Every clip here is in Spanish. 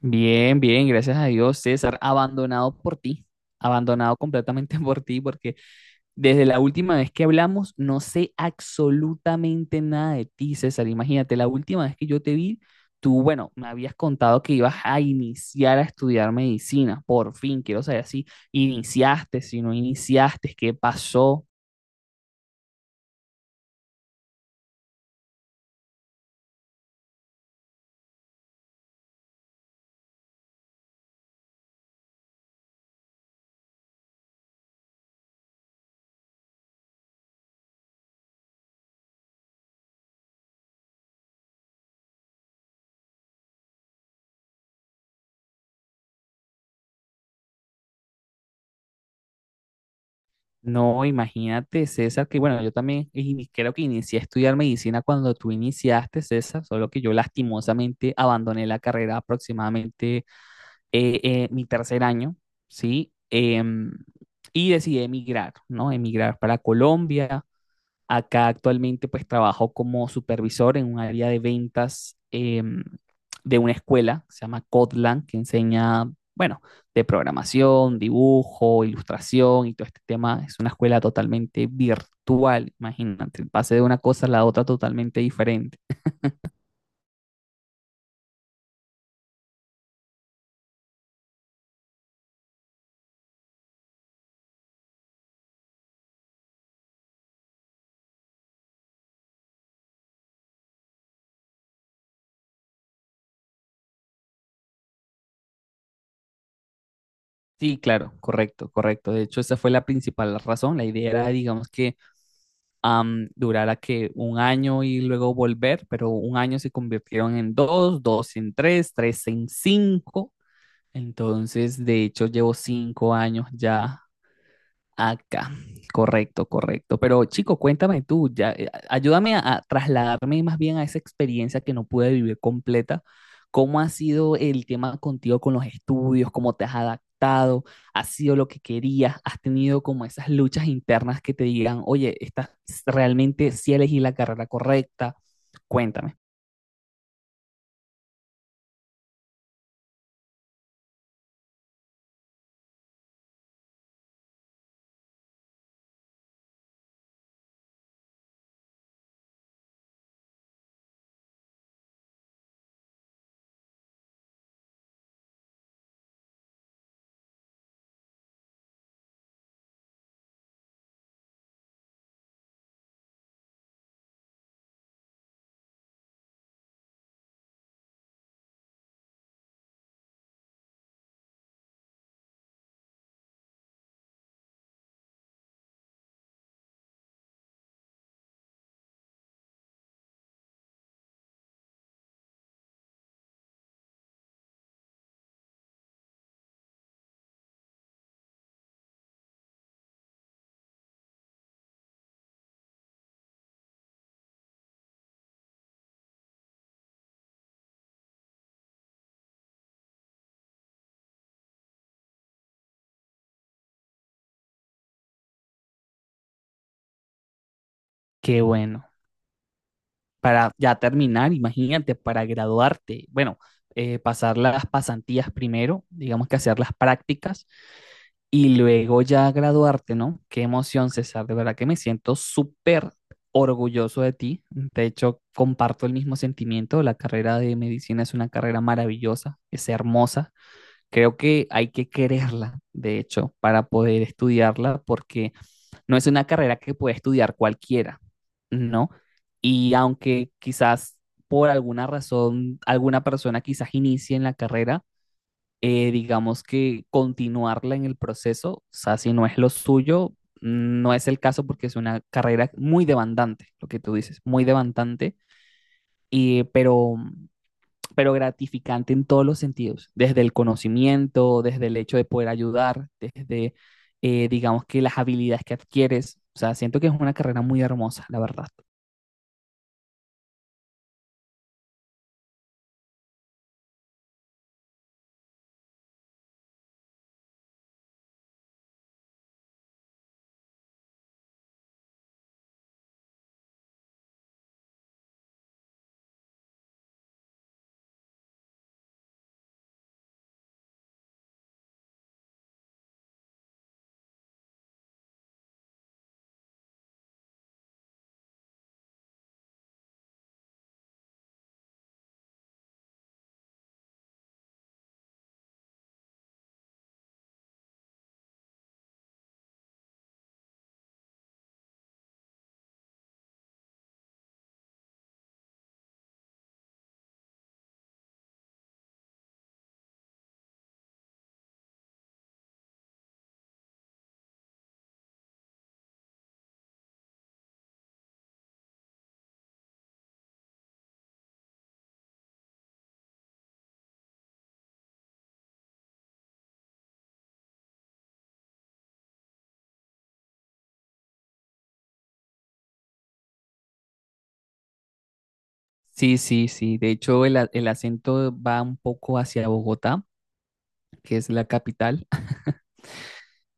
Bien, bien, gracias a Dios, César, abandonado por ti, abandonado completamente por ti, porque desde la última vez que hablamos no sé absolutamente nada de ti, César. Imagínate, la última vez que yo te vi, tú, bueno, me habías contado que ibas a iniciar a estudiar medicina, por fin, quiero saber si iniciaste, si no iniciaste, qué pasó. No, imagínate, César, que bueno, yo también creo que inicié a estudiar medicina cuando tú iniciaste, César, solo que yo lastimosamente abandoné la carrera aproximadamente mi tercer año, ¿sí? Y decidí emigrar, ¿no? Emigrar para Colombia. Acá actualmente pues trabajo como supervisor en un área de ventas de una escuela, que se llama Kotland, que enseña, bueno, de programación, dibujo, ilustración y todo este tema. Es una escuela totalmente virtual, imagínate, pase de una cosa a la otra totalmente diferente. Sí, claro, correcto, correcto. De hecho, esa fue la principal razón. La idea era, digamos, que durara que un año y luego volver, pero un año se convirtieron en dos, dos en tres, tres en cinco. Entonces, de hecho, llevo 5 años ya acá, correcto, correcto. Pero chico, cuéntame tú, ya, ayúdame a trasladarme más bien a esa experiencia que no pude vivir completa. ¿Cómo ha sido el tema contigo con los estudios? ¿Cómo te has adaptado? ¿Has sido lo que querías? ¿Has tenido como esas luchas internas que te digan, oye, estás realmente si elegí la carrera correcta? Cuéntame. Qué bueno. Para ya terminar, imagínate, para graduarte, bueno, pasar las pasantías primero, digamos que hacer las prácticas y luego ya graduarte, ¿no? Qué emoción, César, de verdad que me siento súper orgulloso de ti. De hecho, comparto el mismo sentimiento. La carrera de medicina es una carrera maravillosa, es hermosa. Creo que hay que quererla, de hecho, para poder estudiarla, porque no es una carrera que puede estudiar cualquiera, ¿no? Y aunque quizás por alguna razón alguna persona quizás inicie en la carrera, digamos que continuarla en el proceso, o sea, si no es lo suyo, no es el caso porque es una carrera muy demandante, lo que tú dices, muy demandante, y, pero pero gratificante en todos los sentidos, desde el conocimiento, desde el hecho de poder ayudar, desde, digamos que las habilidades que adquieres. O sea, siento que es una carrera muy hermosa, la verdad. Sí, sí, sí. De hecho, el acento va un poco hacia Bogotá, que es la capital.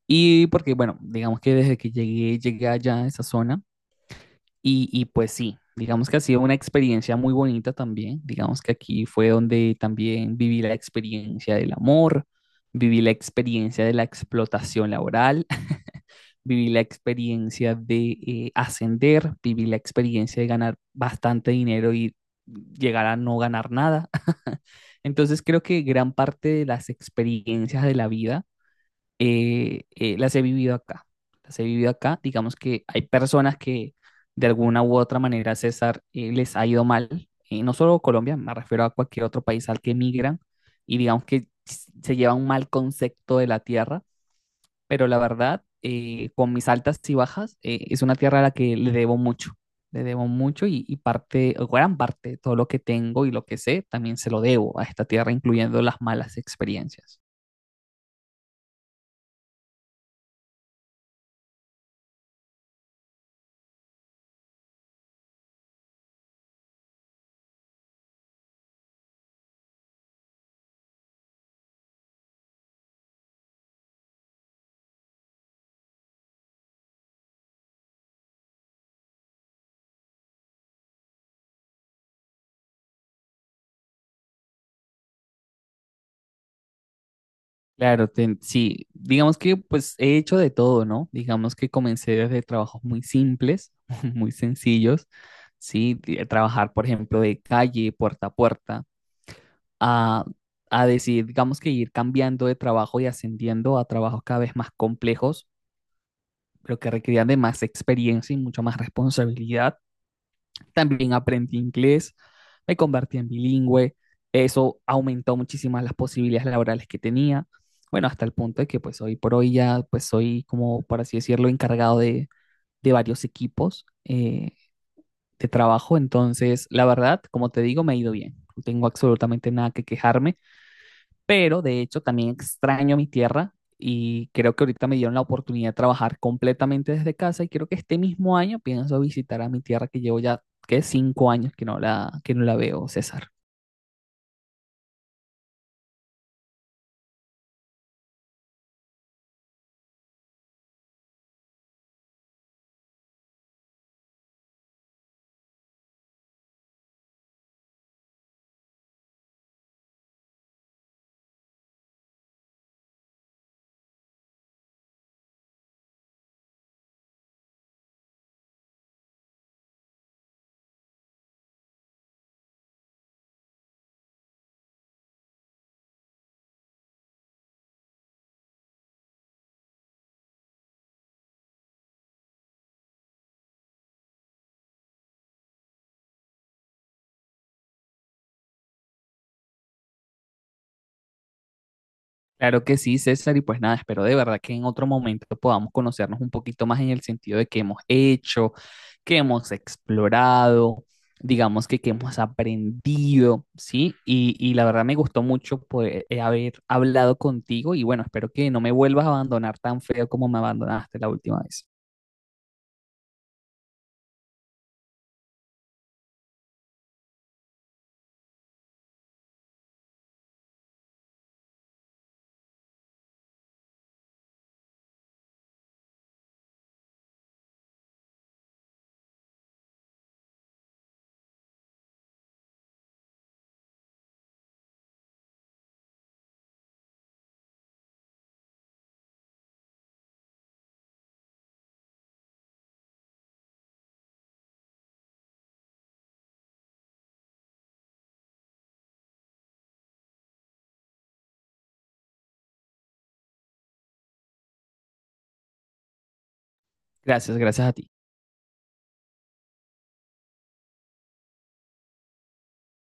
Y porque, bueno, digamos que desde que llegué, llegué allá a esa zona, y pues sí, digamos que ha sido una experiencia muy bonita también. Digamos que aquí fue donde también viví la experiencia del amor, viví la experiencia de la explotación laboral, viví la experiencia de ascender, viví la experiencia de ganar bastante dinero y llegar a no ganar nada. Entonces creo que gran parte de las experiencias de la vida las he vivido acá. Las he vivido acá. Digamos que hay personas que de alguna u otra manera, César, les ha ido mal. Y no solo Colombia, me refiero a cualquier otro país al que emigran y digamos que se lleva un mal concepto de la tierra, pero la verdad, con mis altas y bajas, es una tierra a la que le debo mucho. Le debo mucho y parte, o gran parte de todo lo que tengo y lo que sé, también se lo debo a esta tierra, incluyendo las malas experiencias. Claro, sí, digamos que pues he hecho de todo, ¿no? Digamos que comencé desde trabajos muy simples, muy sencillos, ¿sí? De trabajar, por ejemplo, de calle, puerta a puerta, a, a decidir, digamos que ir cambiando de trabajo y ascendiendo a trabajos cada vez más complejos, pero que requerían de más experiencia y mucha más responsabilidad. También aprendí inglés, me convertí en bilingüe, eso aumentó muchísimas las posibilidades laborales que tenía. Bueno, hasta el punto de que pues hoy por hoy ya pues soy como, por así decirlo, encargado de varios equipos de trabajo. Entonces, la verdad, como te digo, me ha ido bien. No tengo absolutamente nada que quejarme, pero de hecho también extraño mi tierra y creo que ahorita me dieron la oportunidad de trabajar completamente desde casa y creo que este mismo año pienso visitar a mi tierra, que llevo ya, que 5 años que no la, que no la veo, César. Claro que sí, César, y pues nada, espero de verdad que en otro momento podamos conocernos un poquito más en el sentido de qué hemos hecho, qué hemos explorado, digamos que qué hemos aprendido, ¿sí? Y la verdad me gustó mucho poder haber hablado contigo y bueno, espero que no me vuelvas a abandonar tan feo como me abandonaste la última vez. Gracias, gracias a ti.